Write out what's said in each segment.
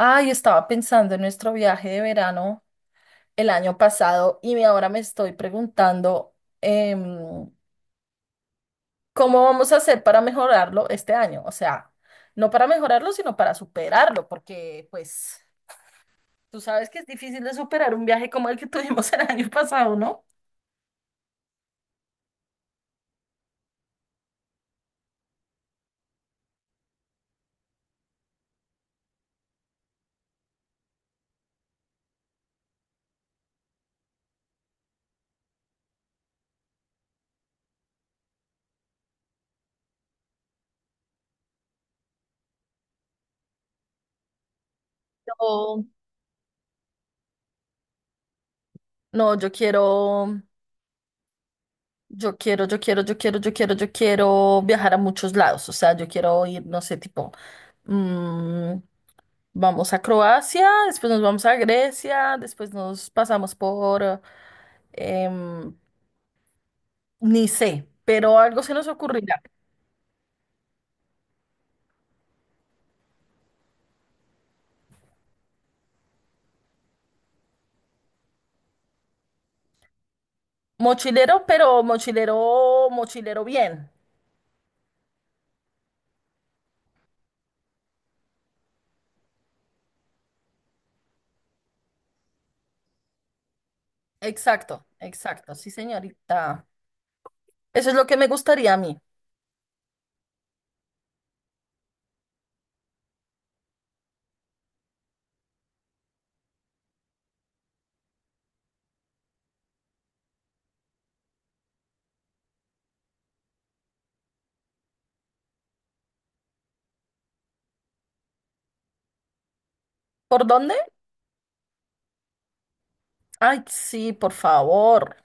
Ay, estaba pensando en nuestro viaje de verano el año pasado y ahora me estoy preguntando em, cómo vamos a hacer para mejorarlo este año. O sea, no para mejorarlo, sino para superarlo, porque pues tú sabes que es difícil de superar un viaje como el que tuvimos el año pasado, ¿no? No, no, yo quiero. Yo quiero, yo quiero, yo quiero, yo quiero, yo quiero viajar a muchos lados. O sea, yo quiero ir, no sé, tipo, mm, vamos a Croacia, después nos vamos a Grecia, después nos pasamos por, em, ni sé, pero algo se nos ocurrirá. Mochilero, pero mochilero, mochilero bien. Exacto, exacto, sí, señorita. Eso es lo que me gustaría a mí. ¿Por dónde? Ay, sí, por favor.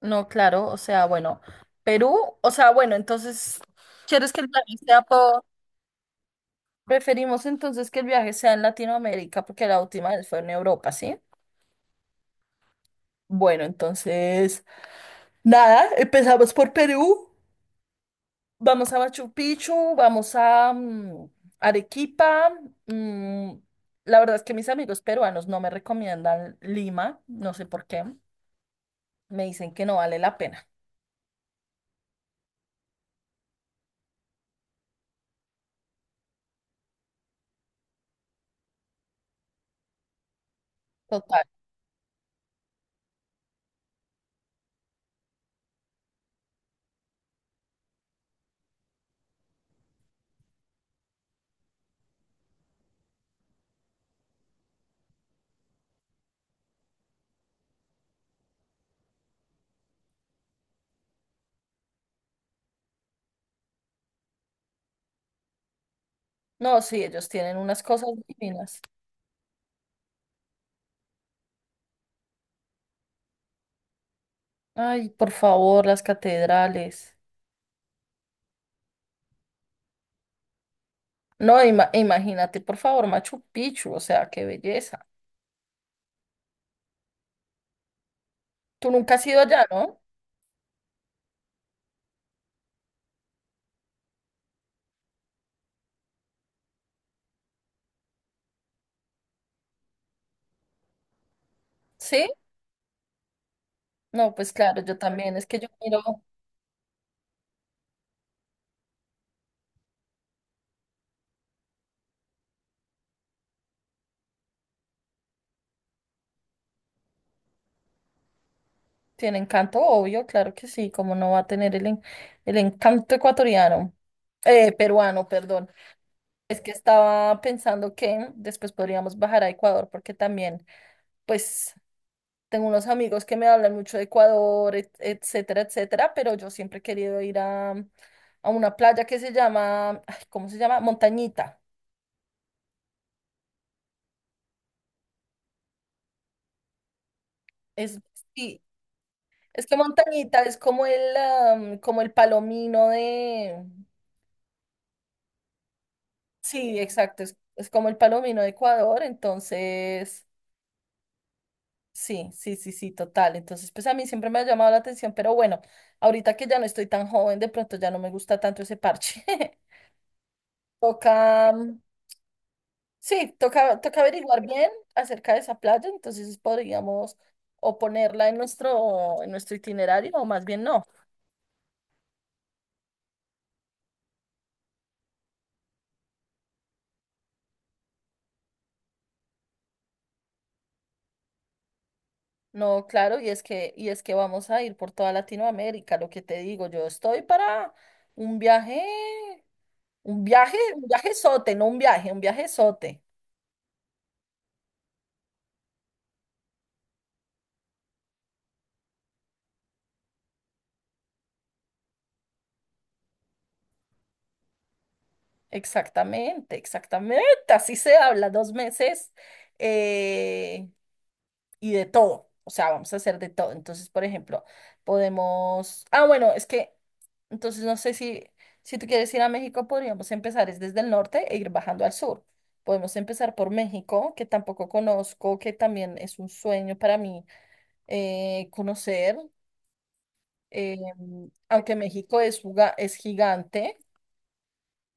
No, claro, o sea, bueno, Perú, o sea, bueno, entonces, ¿quieres que el viaje sea por... Preferimos entonces que el viaje sea en Latinoamérica porque la última vez fue en Europa, ¿sí? Bueno, entonces, nada, empezamos por Perú, vamos a Machu Picchu, vamos a Arequipa. mm, la verdad es que mis amigos peruanos no me recomiendan Lima, no sé por qué, me dicen que no vale la pena. Total. No, sí, ellos tienen unas cosas divinas. Ay, por favor, las catedrales. No, imagínate, por favor, Machu Picchu, o sea, qué belleza. Tú nunca has ido allá, ¿no? ¿Sí? No, pues claro, yo también. Es que yo miro, tiene encanto, obvio, claro que sí, como no va a tener el, el encanto ecuatoriano, peruano, perdón. Es que estaba pensando que después podríamos bajar a Ecuador, porque también, pues, tengo unos amigos que me hablan mucho de Ecuador, etcétera, etcétera, pero yo siempre he querido ir a una playa que se llama, ay, ¿cómo se llama? Montañita. Es, sí, es que Montañita es como el, como el palomino de... Sí, exacto, es como el palomino de Ecuador, entonces, sí, sí, sí, sí, total. Entonces, pues a mí siempre me ha llamado la atención, pero bueno, ahorita que ya no estoy tan joven, de pronto ya no me gusta tanto ese parche. Toca... Sí, toca, toca averiguar bien acerca de esa playa, entonces podríamos o ponerla en nuestro itinerario, o más bien no. No, claro, y es que vamos a ir por toda Latinoamérica, lo que te digo, yo estoy para un viaje, un viaje, un viaje sote, no un viaje, un viaje sote. Exactamente, exactamente, así se habla, 2 meses. Eh, y de todo. O sea, vamos a hacer de todo. Entonces, por ejemplo, podemos... Ah, bueno, es que... Entonces, no sé si, si tú quieres ir a México, podríamos empezar es desde el norte e ir bajando al sur. Podemos empezar por México, que tampoco conozco, que también es un sueño para mí conocer. eh, Aunque México es, es gigante,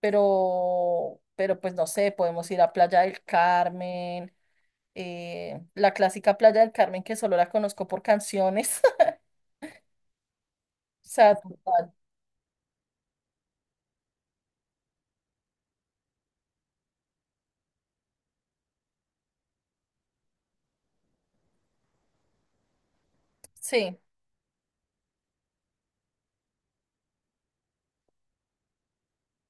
pero pues no sé, podemos ir a Playa del Carmen, la clásica Playa del Carmen que solo la conozco por canciones. Sea, total, sí.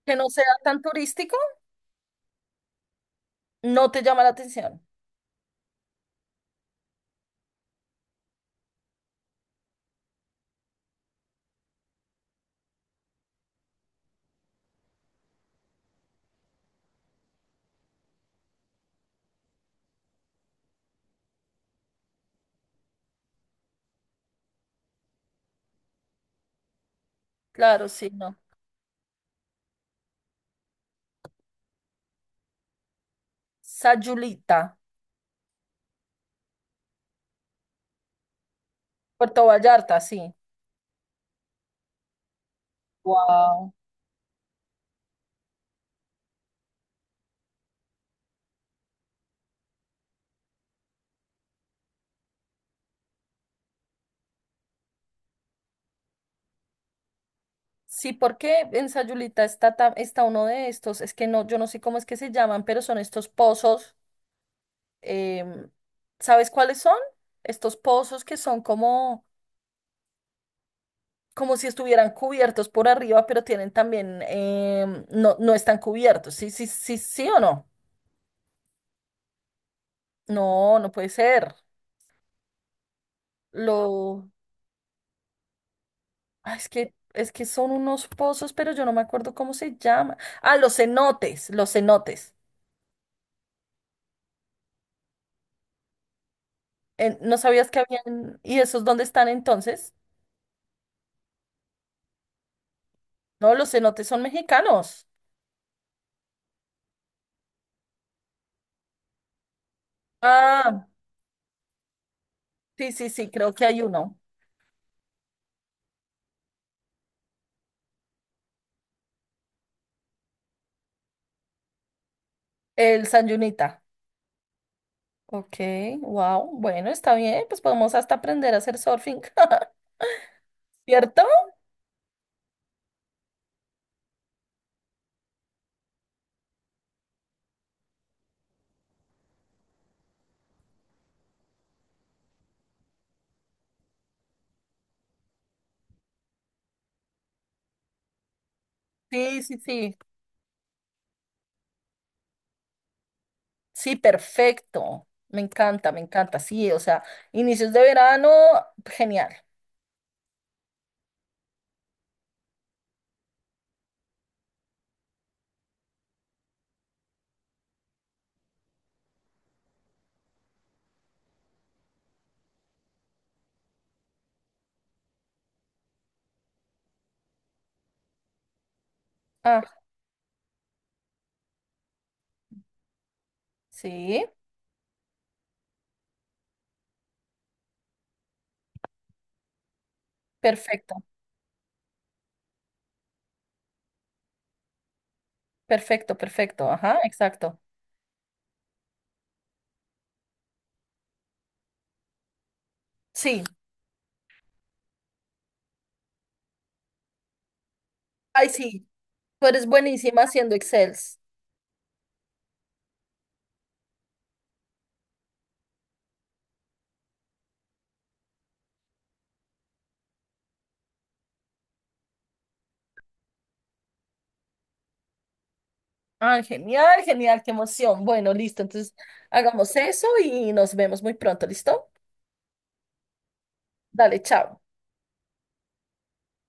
Que no sea tan turístico, no te llama la atención. Claro, sí, no. Sayulita, Puerto Vallarta, sí. Wow. Sí, porque en Sayulita está, está uno de estos, es que no, yo no sé cómo es que se llaman, pero son estos pozos. em, ¿Sabes cuáles son? Estos pozos que son como, como si estuvieran cubiertos por arriba, pero tienen también, no, no están cubiertos. Sí, sí, sí, sí o no. No, no puede ser. Lo, ah, es que son unos pozos, pero yo no me acuerdo cómo se llama. Ah, los cenotes, los cenotes. ¿No sabías que habían? ¿Y esos dónde están entonces? No, los cenotes son mexicanos. Ah, sí, sí, sí, creo que hay uno. El San Yunita. Ok, wow. Bueno, está bien, pues podemos hasta aprender a hacer surfing. ¿Cierto? Sí, sí, sí. Sí, perfecto. Me encanta, me encanta. Sí, o sea, inicios de verano, genial. Ah, sí, perfecto. Perfecto, perfecto. Ajá, exacto. Sí, ay, sí. Tú eres buenísima haciendo Excels. Ah, genial, genial, qué emoción. Bueno, listo. Entonces, hagamos eso y nos vemos muy pronto, ¿listo? Dale, chao.